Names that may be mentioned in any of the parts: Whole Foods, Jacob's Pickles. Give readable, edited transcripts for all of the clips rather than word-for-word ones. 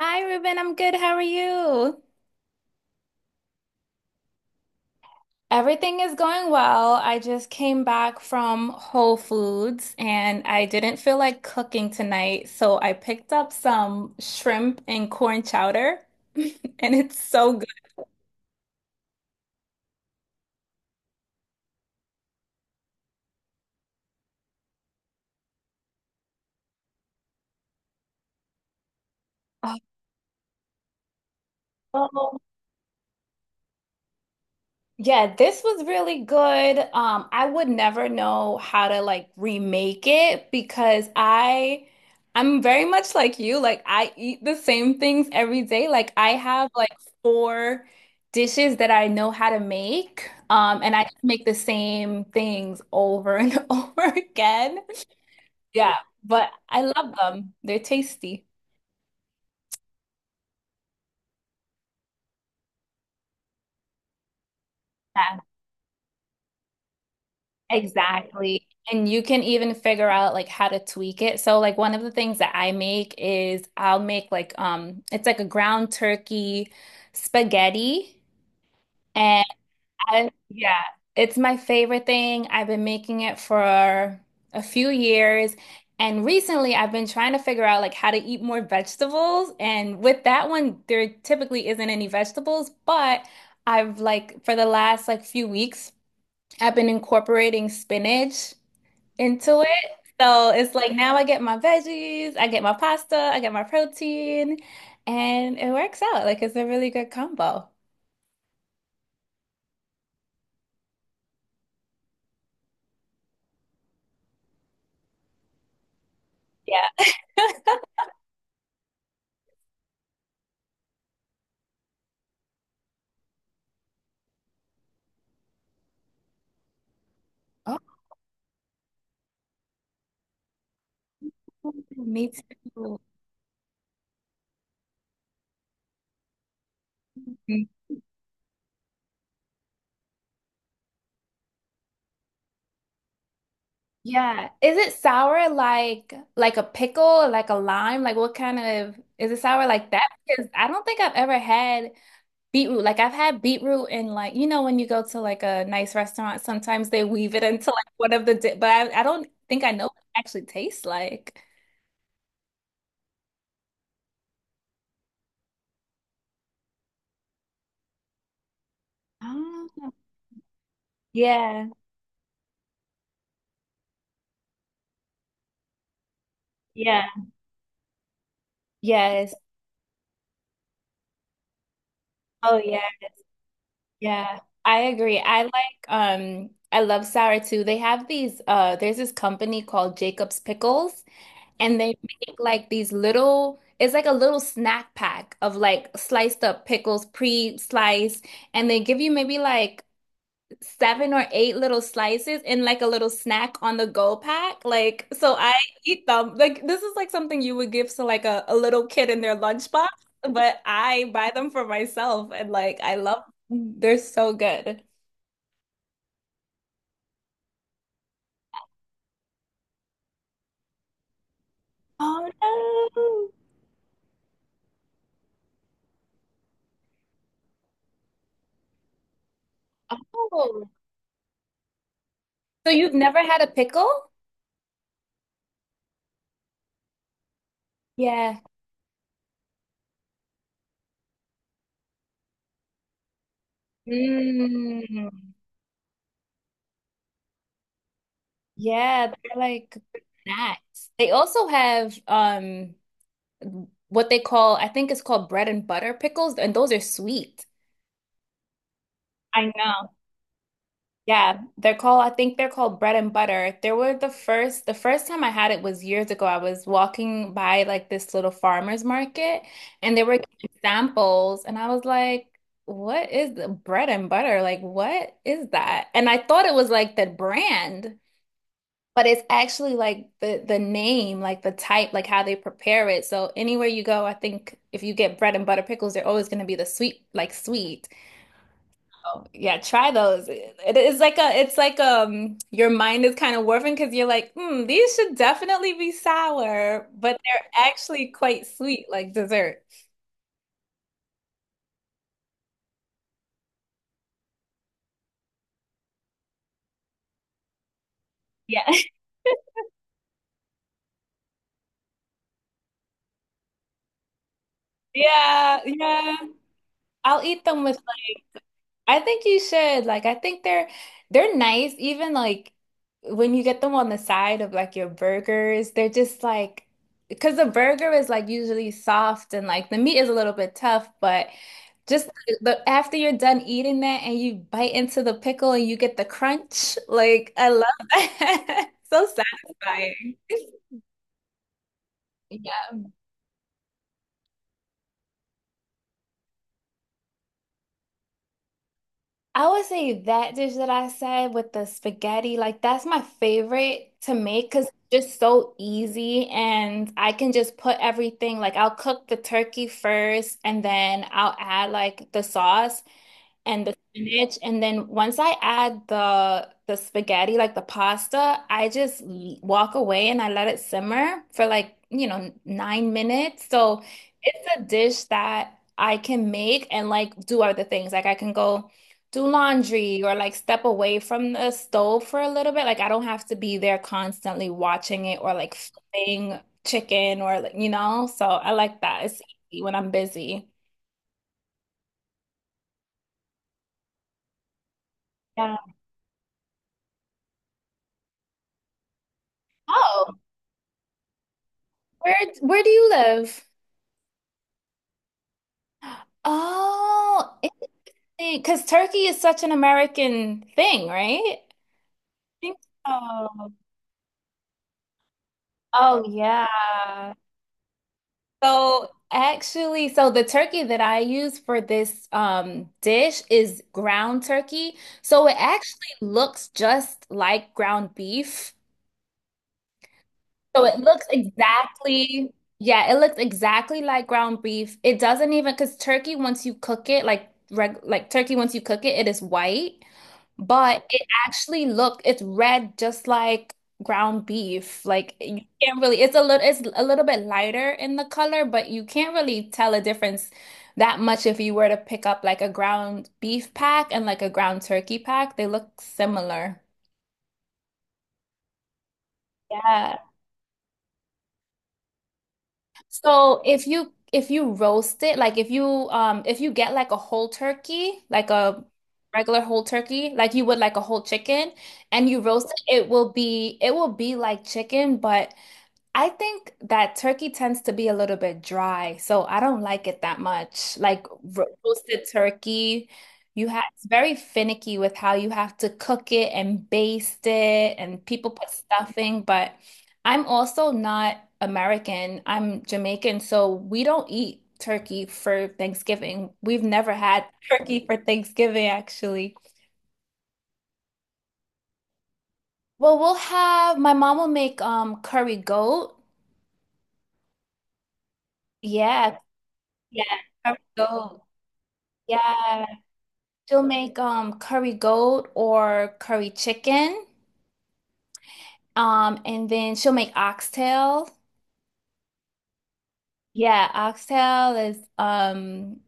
Hi, Ruben. I'm good. How are you? Everything is going well. I just came back from Whole Foods and I didn't feel like cooking tonight, so I picked up some shrimp and corn chowder, and it's so good. Oh. Yeah, this was really good. I would never know how to like remake it because I'm very much like you. Like I eat the same things every day. Like I have like four dishes that I know how to make. And I just make the same things over and over again. Yeah, but I love them. They're tasty. Yeah. Exactly. And you can even figure out like how to tweak it. So like one of the things that I make is I'll make like it's like a ground turkey spaghetti and I yeah, it's my favorite thing. I've been making it for a few years and recently I've been trying to figure out like how to eat more vegetables and with that one there typically isn't any vegetables, but I've like for the last like few weeks I've been incorporating spinach into it. So it's like now I get my veggies, I get my pasta, I get my protein, and it works out. Like it's a really good combo. Yeah. Me too. Yeah. Is it sour like a pickle or like a lime? Like what kind of is it sour like that? Because I don't think I've ever had beetroot. Like I've had beetroot in like you know when you go to like a nice restaurant, sometimes they weave it into like one of the di but I don't think I know what it actually tastes like. Oh. Yeah, yeah, yes. Oh yeah, yeah. I agree. I like I love sour too. They have these there's this company called Jacob's Pickles and they make like these little it's like a little snack pack of like sliced up pickles pre-sliced and they give you maybe like seven or eight little slices in like a little snack on the go pack. Like, so I eat them. Like, this is like something you would give to like a little kid in their lunchbox, but I buy them for myself and like I love them. They're so good. Oh no. Oh. So you've never had a pickle? Yeah. Mm. Yeah, they're like good snacks. They also have what they call, I think it's called bread and butter pickles, and those are sweet. I know. Yeah, they're called, I think they're called bread and butter. They were the first time I had it was years ago. I was walking by like this little farmer's market and they were giving samples and I was like, what is the bread and butter? Like, what is that? And I thought it was like the brand, but it's actually like the name, like the type, like how they prepare it. So anywhere you go, I think if you get bread and butter pickles, they're always going to be the sweet, like sweet. Yeah, try those. It's like it's like your mind is kind of warping because you're like, hmm, these should definitely be sour, but they're actually quite sweet, like dessert. Yeah, yeah, yeah. I'll eat them with I think you should. Like, I think they're nice, even like when you get them on the side of like your burgers, they're just like because the burger is like usually soft and like the meat is a little bit tough, but just after you're done eating that and you bite into the pickle and you get the crunch, like I love that. So satisfying. Yeah. I would say that dish that I said with the spaghetti, like that's my favorite to make because it's just so easy and I can just put everything, like I'll cook the turkey first and then I'll add like the sauce and the spinach. And then once I add the spaghetti, like the pasta, I just walk away and I let it simmer for like, you know, 9 minutes. So it's a dish that I can make and like do other things. Like I can go do laundry or like step away from the stove for a little bit. Like I don't have to be there constantly watching it or like flipping chicken or like, you know. So I like that. It's easy when I'm busy. Yeah. Oh, where where do you live? Oh, interesting. Because turkey is such an American thing, right? I think so. Oh, yeah. So actually, so the turkey that I use for this dish is ground turkey. So it actually looks just like ground beef. So it looks exactly, yeah, it looks exactly like ground beef. It doesn't even because turkey once you cook it, like turkey once you cook it, it is white. But it actually looked, it's red just like ground beef. Like you can't really, it's a little bit lighter in the color, but you can't really tell a difference that much if you were to pick up like a ground beef pack and like a ground turkey pack. They look similar. Yeah. So if you roast it, like if you get like a whole turkey, like a regular whole turkey, like you would like a whole chicken, and you roast it, it will be like chicken, but I think that turkey tends to be a little bit dry, so I don't like it that much. Like ro roasted turkey, you have it's very finicky with how you have to cook it and baste it, and people put stuffing. But I'm also not American. I'm Jamaican, so we don't eat turkey for Thanksgiving. We've never had turkey for Thanksgiving, actually. Well, we'll have my mom will make curry goat. Yeah, yeah, curry goat. Yeah, she'll make curry goat or curry chicken. And then she'll make oxtail. Yeah, oxtail is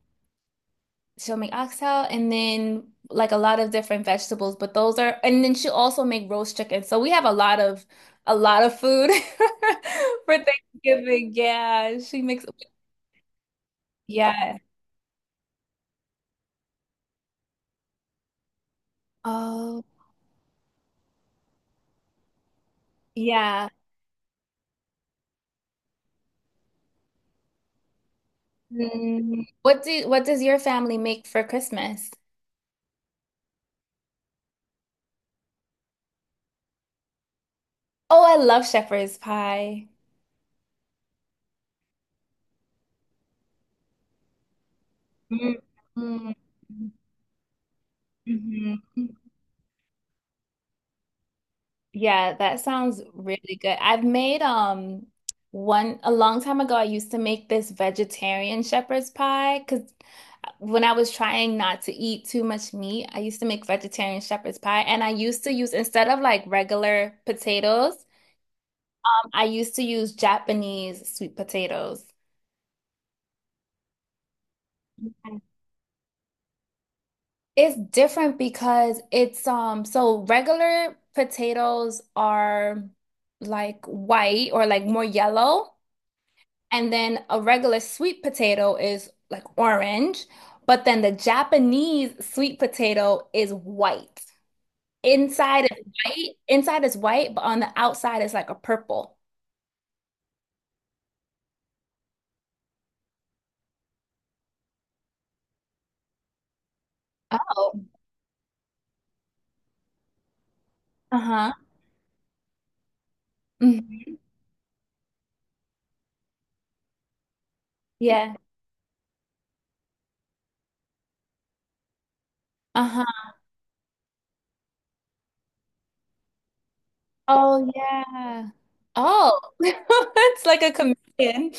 she'll make oxtail and then like a lot of different vegetables, but those are and then she'll also make roast chicken. So we have a lot of food for Thanksgiving. Yeah, she makes yeah. Oh, yeah. Mm, what does your family make for Christmas? Oh, I love shepherd's pie. Mhm. Mhm. Yeah, that sounds really good. I've made one a long time ago I used to make this vegetarian shepherd's pie because when I was trying not to eat too much meat, I used to make vegetarian shepherd's pie and I used to use instead of like regular potatoes, I used to use Japanese sweet potatoes. It's different because it's so regular potatoes are like white or like more yellow, and then a regular sweet potato is like orange, but then the Japanese sweet potato is white. Inside is white, but on the outside is like a purple. Oh. Uh-huh. Hmm. Yeah. Uh-huh. Oh yeah. Oh, it's like a chameleon.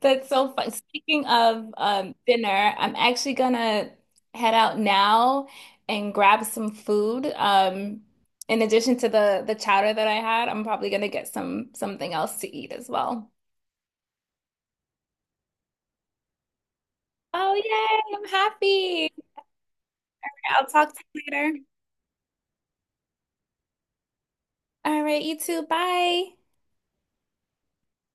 That's so fun. Speaking of dinner, I'm actually gonna head out now and grab some food. In addition to the chowder that I had, I'm probably gonna get some something else to eat as well. Oh, yay! I'm happy. I'll talk to you later. All right, you too. Bye.